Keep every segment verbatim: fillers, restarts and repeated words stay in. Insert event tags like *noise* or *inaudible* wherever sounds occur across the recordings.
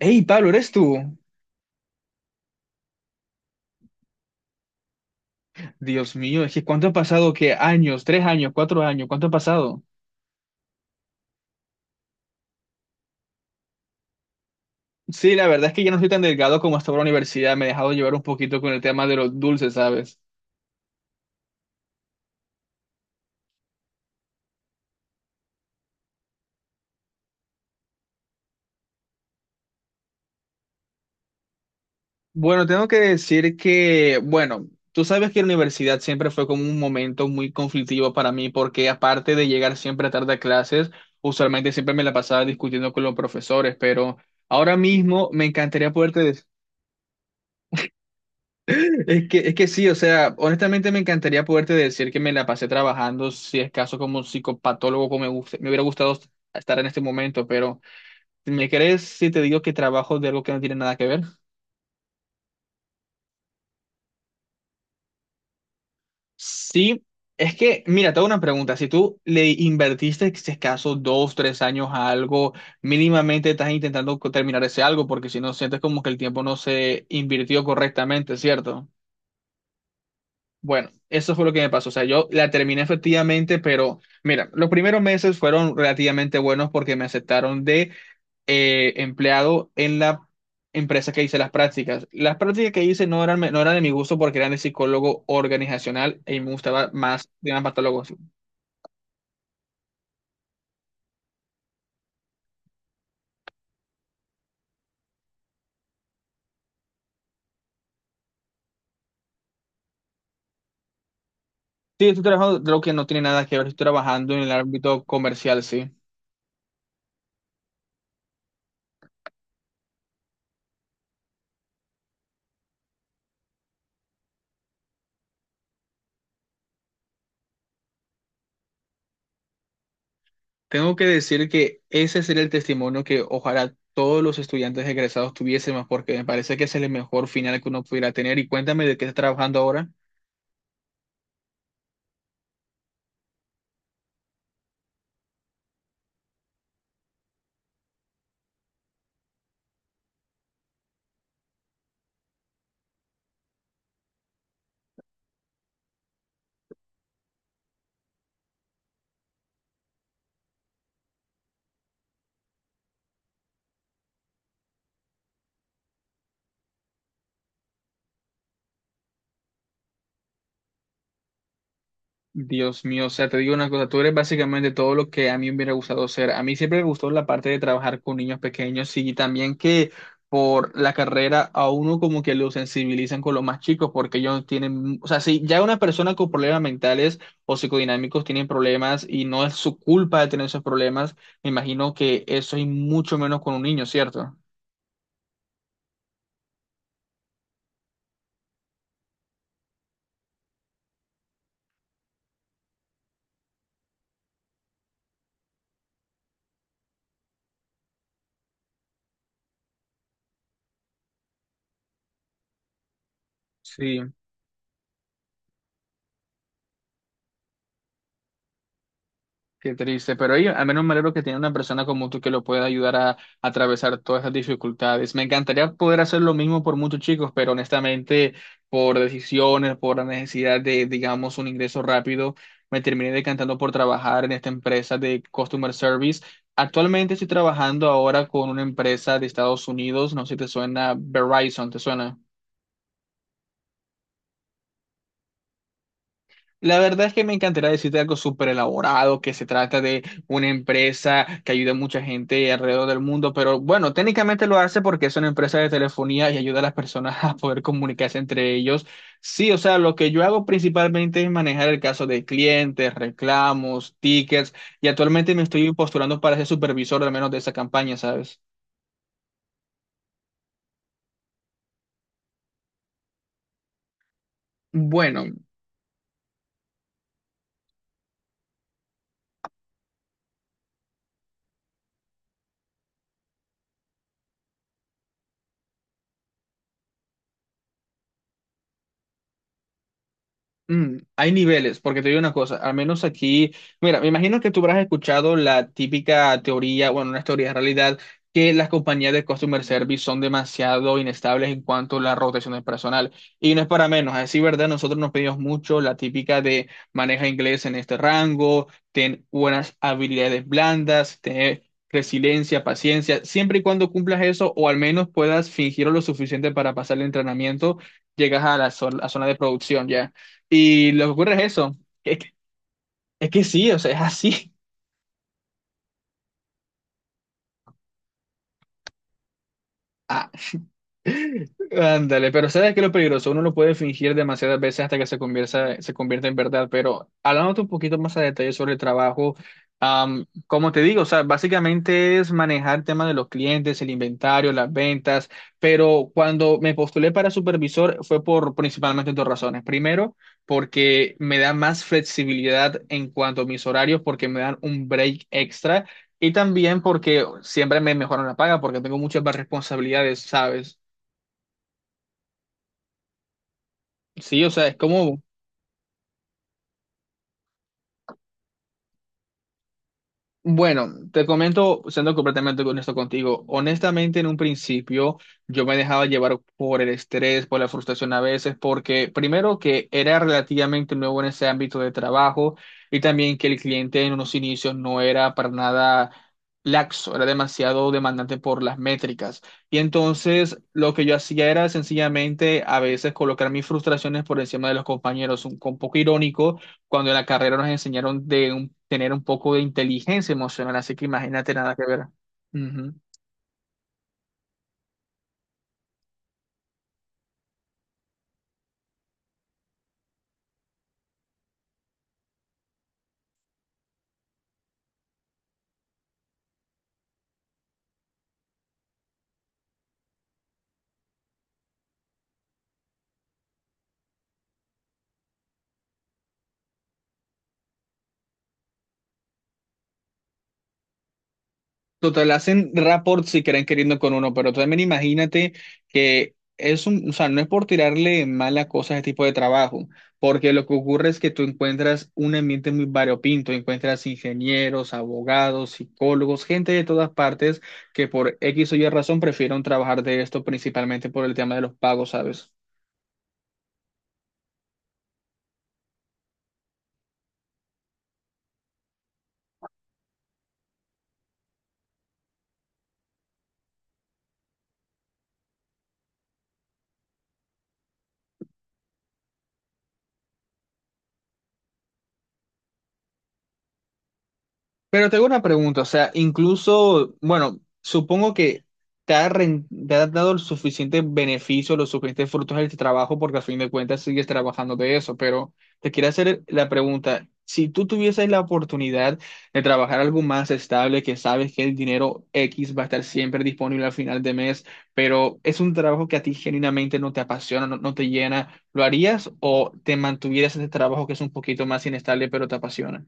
Hey, Pablo, ¿eres tú? Dios mío, es que ¿cuánto ha pasado? ¿Qué años? ¿Tres años? ¿Cuatro años? ¿Cuánto ha pasado? Sí, la verdad es que ya no soy tan delgado como estaba en la universidad. Me he dejado llevar un poquito con el tema de los dulces, ¿sabes? Bueno, tengo que decir que, bueno, tú sabes que la universidad siempre fue como un momento muy conflictivo para mí, porque aparte de llegar siempre tarde a clases, usualmente siempre me la pasaba discutiendo con los profesores, pero ahora mismo me encantaría poder. Es que, es que sí, o sea, honestamente me encantaría poderte decir que me la pasé trabajando, si es caso como psicopatólogo, como me guste- me hubiera gustado estar en este momento, pero ¿me crees si te digo que trabajo de algo que no tiene nada que ver? Sí, es que, mira, te hago una pregunta, si tú le invertiste, si es caso, dos, tres años a algo, mínimamente estás intentando co- terminar ese algo, porque si no, sientes como que el tiempo no se invirtió correctamente, ¿cierto? Bueno, eso fue lo que me pasó. O sea, yo la terminé efectivamente, pero mira, los primeros meses fueron relativamente buenos porque me aceptaron de eh, empleado en la empresa que hice las prácticas. Las prácticas que hice no eran, no eran de mi gusto porque eran de psicólogo organizacional y me gustaba más de más patólogos. Sí, estoy trabajando, creo que no tiene nada que ver, estoy trabajando en el ámbito comercial, sí. Tengo que decir que ese sería el testimonio que ojalá todos los estudiantes egresados tuviésemos, porque me parece que ese es el mejor final que uno pudiera tener. Y cuéntame de qué estás trabajando ahora. Dios mío, o sea, te digo una cosa, tú eres básicamente todo lo que a mí me hubiera gustado ser. A mí siempre me gustó la parte de trabajar con niños pequeños y también que por la carrera a uno como que lo sensibilizan con los más chicos porque ellos tienen, o sea, si ya una persona con problemas mentales o psicodinámicos tienen problemas y no es su culpa de tener esos problemas, me imagino que eso es mucho menos con un niño, ¿cierto? Sí. Qué triste, pero ahí al menos me alegro que tiene una persona como tú que lo pueda ayudar a, a atravesar todas esas dificultades. Me encantaría poder hacer lo mismo por muchos chicos, pero honestamente, por decisiones, por la necesidad de, digamos, un ingreso rápido, me terminé decantando por trabajar en esta empresa de customer service. Actualmente estoy trabajando ahora con una empresa de Estados Unidos, no sé si te suena Verizon, ¿te suena? La verdad es que me encantaría decirte algo súper elaborado, que se trata de una empresa que ayuda a mucha gente alrededor del mundo, pero bueno, técnicamente lo hace porque es una empresa de telefonía y ayuda a las personas *laughs* a poder comunicarse entre ellos. Sí, o sea, lo que yo hago principalmente es manejar el caso de clientes, reclamos, tickets, y actualmente me estoy postulando para ser supervisor al menos de esa campaña, ¿sabes? Bueno. Mm, hay niveles, porque te digo una cosa, al menos aquí, mira, me imagino que tú habrás escuchado la típica teoría, bueno, una teoría de realidad, que las compañías de customer service son demasiado inestables en cuanto a la rotación del personal. Y no es para menos, a decir verdad, nosotros nos pedimos mucho la típica de maneja inglés en este rango, ten buenas habilidades blandas, ten resiliencia, paciencia, siempre y cuando cumplas eso, o al menos puedas fingirlo lo suficiente para pasar el entrenamiento, llegas a la zona, a zona de producción, ¿ya? Y lo que ocurre es eso, que- es que, es que sí, o sea, es así. *laughs* Ándale, pero ¿sabes qué es lo peligroso? Uno lo puede fingir demasiadas veces hasta que se convierta, se convierta en verdad, pero hablándote un poquito más a detalle sobre el trabajo, am, como te digo, o sea, básicamente es manejar el tema de los clientes, el inventario, las ventas, pero cuando me postulé para supervisor fue por principalmente dos razones. Primero, porque me da más flexibilidad en cuanto a mis horarios, porque me dan un break extra. Y también porque siempre me mejoran la paga, porque tengo muchas más responsabilidades, ¿sabes? Sí, o sea, es como, bueno, te comento, siendo completamente honesto contigo, honestamente en un principio yo me dejaba llevar por el estrés, por la frustración a veces, porque primero que era relativamente nuevo en ese ámbito de trabajo y también que el cliente en unos inicios no era para nada laxo, era demasiado demandante por las métricas. Y entonces lo que yo hacía era sencillamente a veces colocar mis frustraciones por encima de los compañeros, un, un poco irónico cuando en la carrera nos enseñaron de un- tener un poco de inteligencia emocional, así que imagínate nada que ver. Ujú. Total, hacen rapport si quieren queriendo con uno, pero también imagínate que es un, o sea, no es por tirarle mala cosa a este tipo de trabajo, porque lo que ocurre es que tú encuentras un ambiente muy variopinto, encuentras ingenieros, abogados, psicólogos, gente de todas partes que por X o Y razón prefieren trabajar de esto principalmente por el tema de los pagos, ¿sabes? Pero tengo una pregunta, o sea, incluso, bueno, supongo que te ha, ren- te ha dado el suficiente beneficio, los suficientes frutos de este trabajo, porque al fin de cuentas sigues trabajando de eso, pero te quiero hacer la pregunta, si tú tuvieses la oportunidad de trabajar algo más estable, que sabes que el dinero X va a estar siempre disponible al final de mes, pero es un trabajo que a ti genuinamente no te apasiona, no, no te llena, ¿lo harías o te mantuvieras en este trabajo que es un poquito más inestable, pero te apasiona?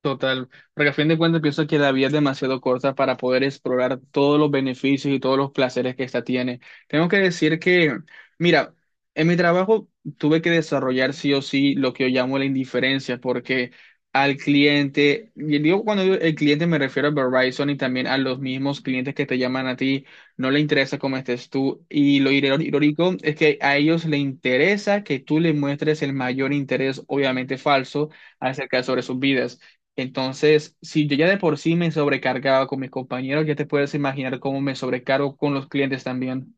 Total, porque a fin de cuentas pienso que la vida es demasiado corta para poder explorar todos los beneficios y todos los placeres que esta tiene. Tengo que decir que, mira, en mi trabajo tuve que desarrollar sí o sí lo que yo llamo la indiferencia, porque al cliente, y digo cuando digo el cliente me refiero a Verizon y también a los mismos clientes que te llaman a ti, no le interesa cómo estés tú. Y lo iré- irónico es que a ellos le interesa que tú le muestres el mayor interés, obviamente falso, acerca sobre sus vidas. Entonces, si yo ya de por sí me sobrecargaba con mis compañeros, ya te puedes imaginar cómo me sobrecargo con los clientes también.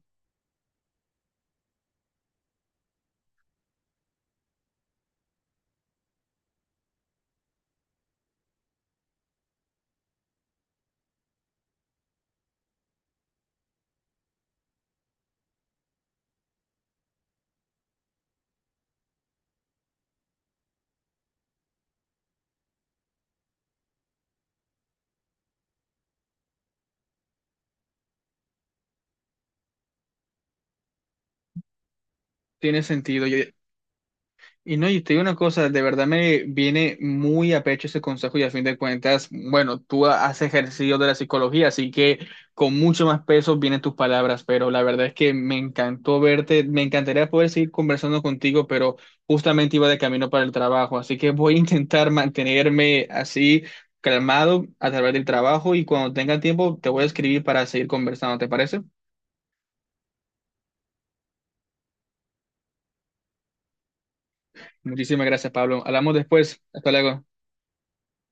Tiene sentido. Yo, y no, y te digo una cosa, de verdad me viene muy a pecho ese consejo y a fin de cuentas, bueno, tú ha- has ejercido de la psicología, así que con mucho más peso vienen tus palabras, pero la verdad es que me encantó verte, me encantaría poder seguir conversando contigo, pero justamente iba de camino para el trabajo, así que voy a intentar mantenerme así calmado a través del trabajo y cuando tenga tiempo te voy a escribir para seguir conversando, ¿te parece? Muchísimas gracias, Pablo. Hablamos después. Hasta luego.